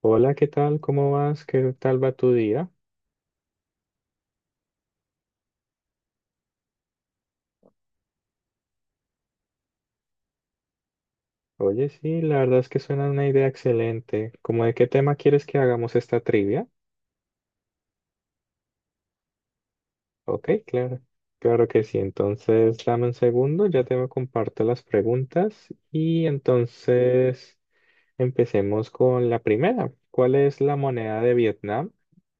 Hola, ¿qué tal? ¿Cómo vas? ¿Qué tal va tu día? Oye, sí, la verdad es que suena una idea excelente. ¿Cómo de qué tema quieres que hagamos esta trivia? Ok, claro. Claro que sí. Entonces, dame un segundo, ya te comparto las preguntas y entonces empecemos con la primera. ¿Cuál es la moneda de Vietnam?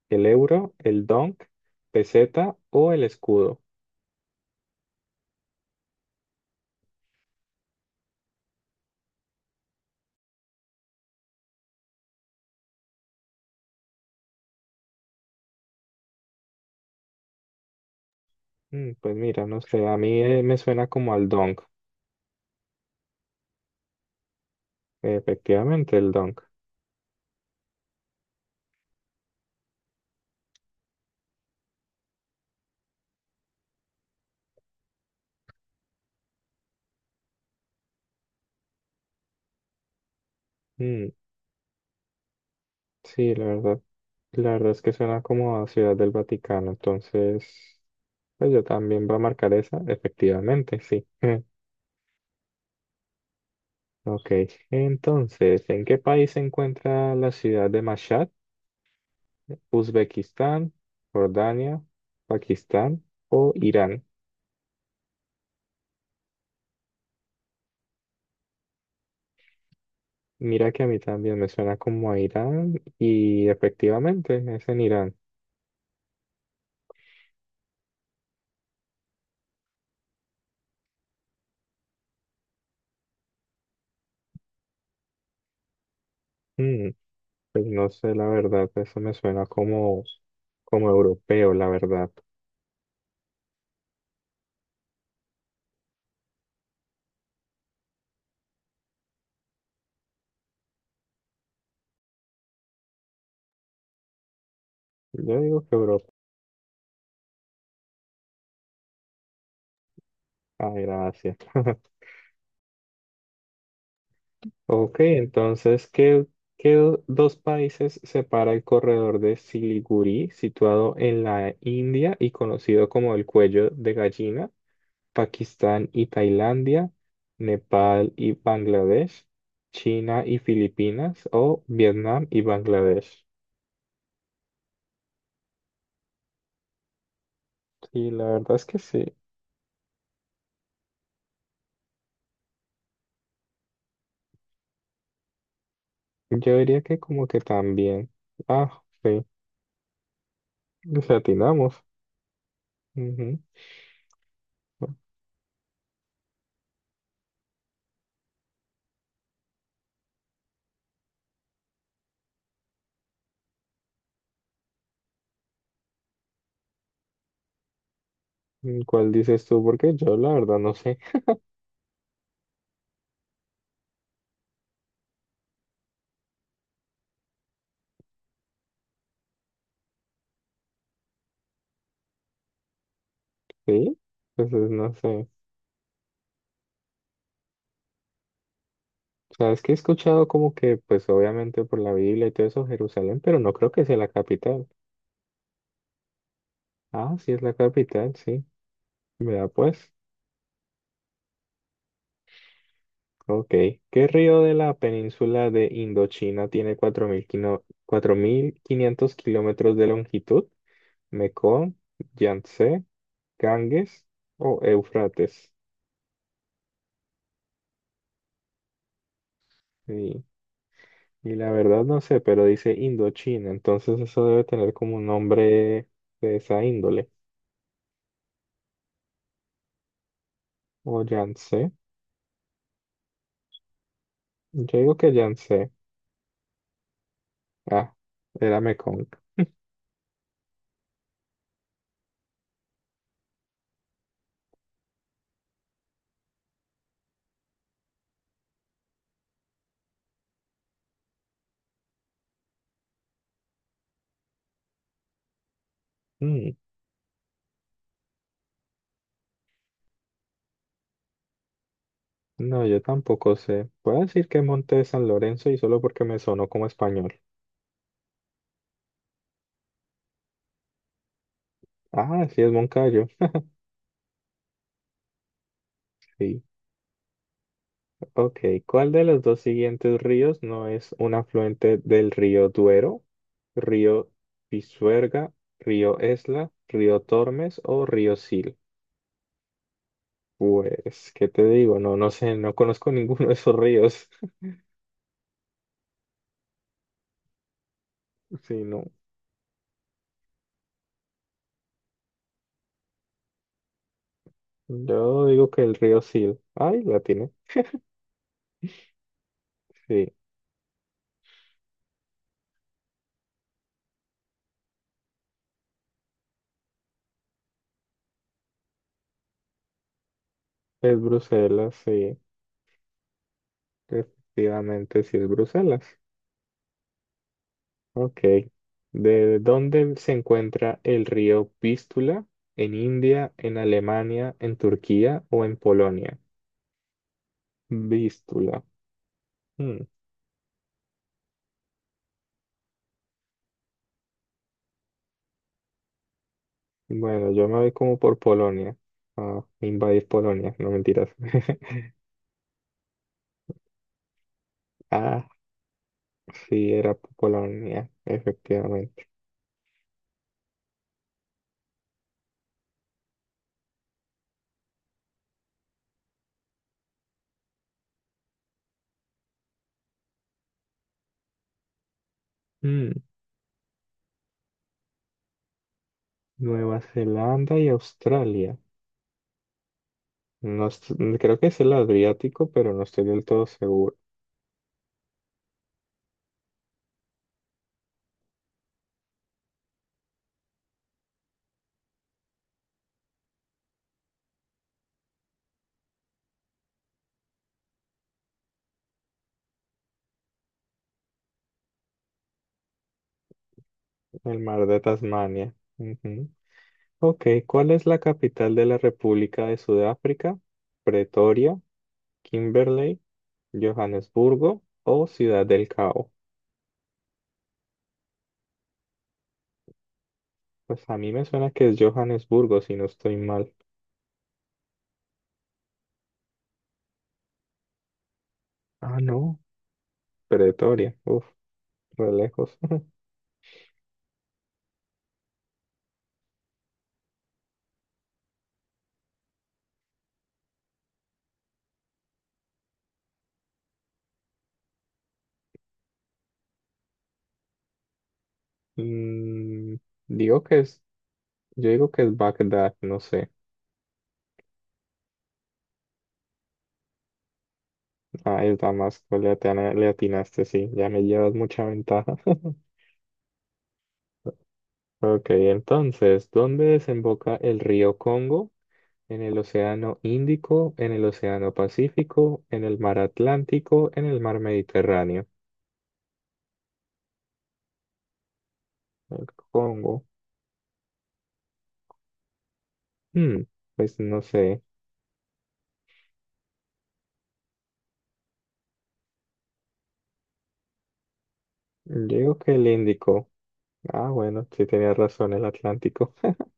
¿El euro, el dong, peseta o el escudo? Mm, pues mira, no sé, a mí me suena como al dong. Efectivamente, el dong. Mm. Sí, la verdad es que suena como a Ciudad del Vaticano, entonces, pues yo también voy a marcar esa, efectivamente, sí. Ok, entonces, ¿en qué país se encuentra la ciudad de Mashhad? ¿Uzbekistán, Jordania, Pakistán o Irán? Mira que a mí también me suena como a Irán y efectivamente es en Irán. Mm, pues no sé, la verdad, eso me suena como, como europeo, la verdad. Yo digo que europeo. Ah, gracias. Ok, entonces, ¿Qué dos países separa el corredor de Siliguri, situado en la India y conocido como el cuello de gallina? Pakistán y Tailandia, Nepal y Bangladesh, China y Filipinas o Vietnam y Bangladesh. Sí, la verdad es que sí. Yo diría que como que también. Ah, sí, les atinamos. Ujú. ¿Cuál dices tú? Porque yo la verdad no sé. Sí, pues no sé. O sea, es que he escuchado como que, pues obviamente por la Biblia y todo eso, Jerusalén, pero no creo que sea la capital. Ah, sí es la capital, sí. Vea pues. Ok. ¿Qué río de la península de Indochina tiene 4.000 4.500 kilómetros de longitud? ¿Mekong, Yangtze, Ganges o Éufrates? Sí. Y la verdad no sé, pero dice Indochina, entonces eso debe tener como un nombre de esa índole. O Yance. Yo digo que Yance. Ah, era Mekong. Mm, no, yo tampoco sé. Puedo decir que Monte de San Lorenzo y solo porque me sonó como español. Ah, sí, es Moncayo. Sí. Ok. ¿Cuál de los dos siguientes ríos no es un afluente del río Duero? ¿Río Pisuerga, río Esla, río Tormes o río Sil? Pues, ¿qué te digo? No, no sé, no conozco ninguno de esos ríos. Sí, no. Yo digo que el río Sil. Ay, la tiene. Sí, es Bruselas, sí, efectivamente sí es Bruselas. Ok. ¿De dónde se encuentra el río Vístula? ¿En India, en Alemania, en Turquía o en Polonia? Vístula. Hmm. Bueno, yo me voy como por Polonia. Ah, invadir Polonia, no mentiras. Ah, sí, era Polonia, efectivamente. Mm, Nueva Zelanda y Australia. No, creo que es el Adriático, pero no estoy del todo seguro. El mar de Tasmania. Ujú. Ok, ¿cuál es la capital de la República de Sudáfrica? Pretoria, Kimberley, Johannesburgo o Ciudad del Cabo. Pues a mí me suena que es Johannesburgo, si no estoy mal. Ah, no, Pretoria. Uf, re lejos. Mm, digo que es, yo digo que es Bagdad, no sé. Ah, es Damasco, le atinaste, sí, ya me llevas mucha ventaja. Ok, entonces, ¿dónde desemboca el río Congo? ¿En el Océano Índico, en el Océano Pacífico, en el Mar Atlántico, en el Mar Mediterráneo? El Congo. Hmm. Pues no sé. Digo que el Índico. Ah, bueno, sí tenía razón, el Atlántico.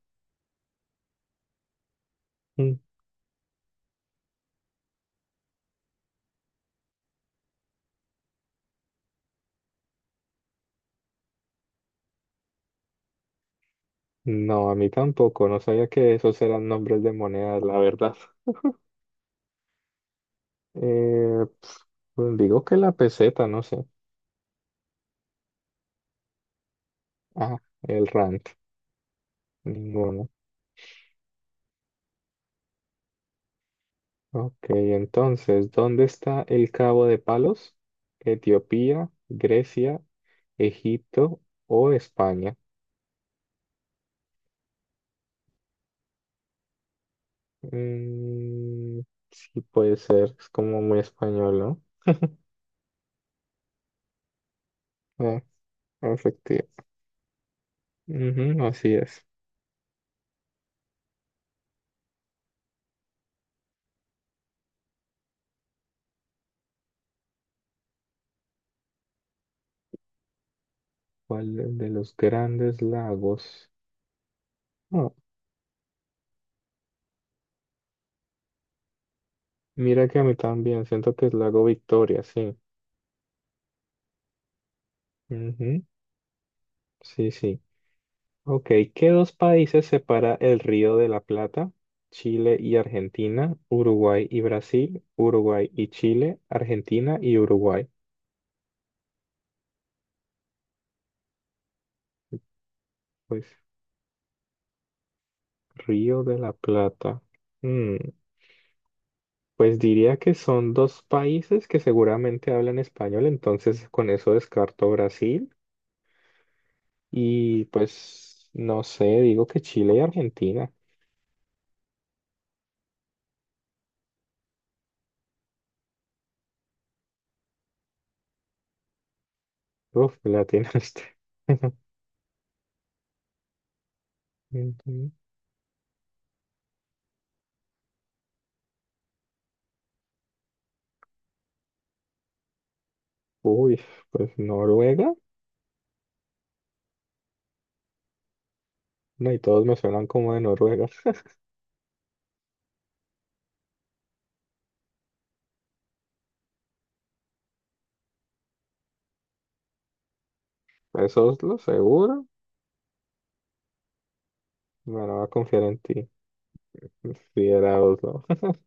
Mm. No, a mí tampoco. No sabía que esos eran nombres de monedas, la verdad. Eh, pf, pues digo que la peseta, no sé. Ah, el rand. Ninguno. Ok, entonces, ¿dónde está el Cabo de Palos? ¿Etiopía, Grecia, Egipto o España? Mm, sí, puede ser, es como muy español, ¿no? Ah, efectivo. Ujú, así es. ¿Cuál de los grandes lagos? Ah, mira que a mí también, siento que es Lago Victoria, sí. Ujú. Sí, sí. Ok, ¿qué dos países separa el Río de la Plata? Chile y Argentina, Uruguay y Brasil, Uruguay y Chile, Argentina y Uruguay. Pues Río de la Plata. Mm, pues diría que son dos países que seguramente hablan español, entonces con eso descarto Brasil y pues no sé, digo que Chile y Argentina. Uf, la este. Ujú. Uy, pues Noruega. No, y todos me suenan como de Noruega. ¿Es Oslo? ¿Seguro? Bueno, voy a confiar en ti. Si era Oslo.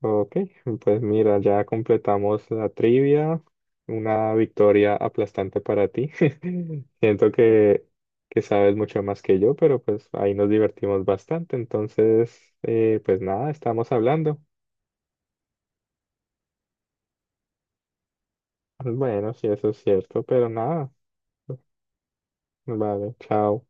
Ok, pues mira, ya completamos la trivia. Una victoria aplastante para ti. Siento que sabes mucho más que yo, pero pues ahí nos divertimos bastante. Entonces, pues nada, estamos hablando. Bueno, sí, eso es cierto, pero nada. Vale, chao.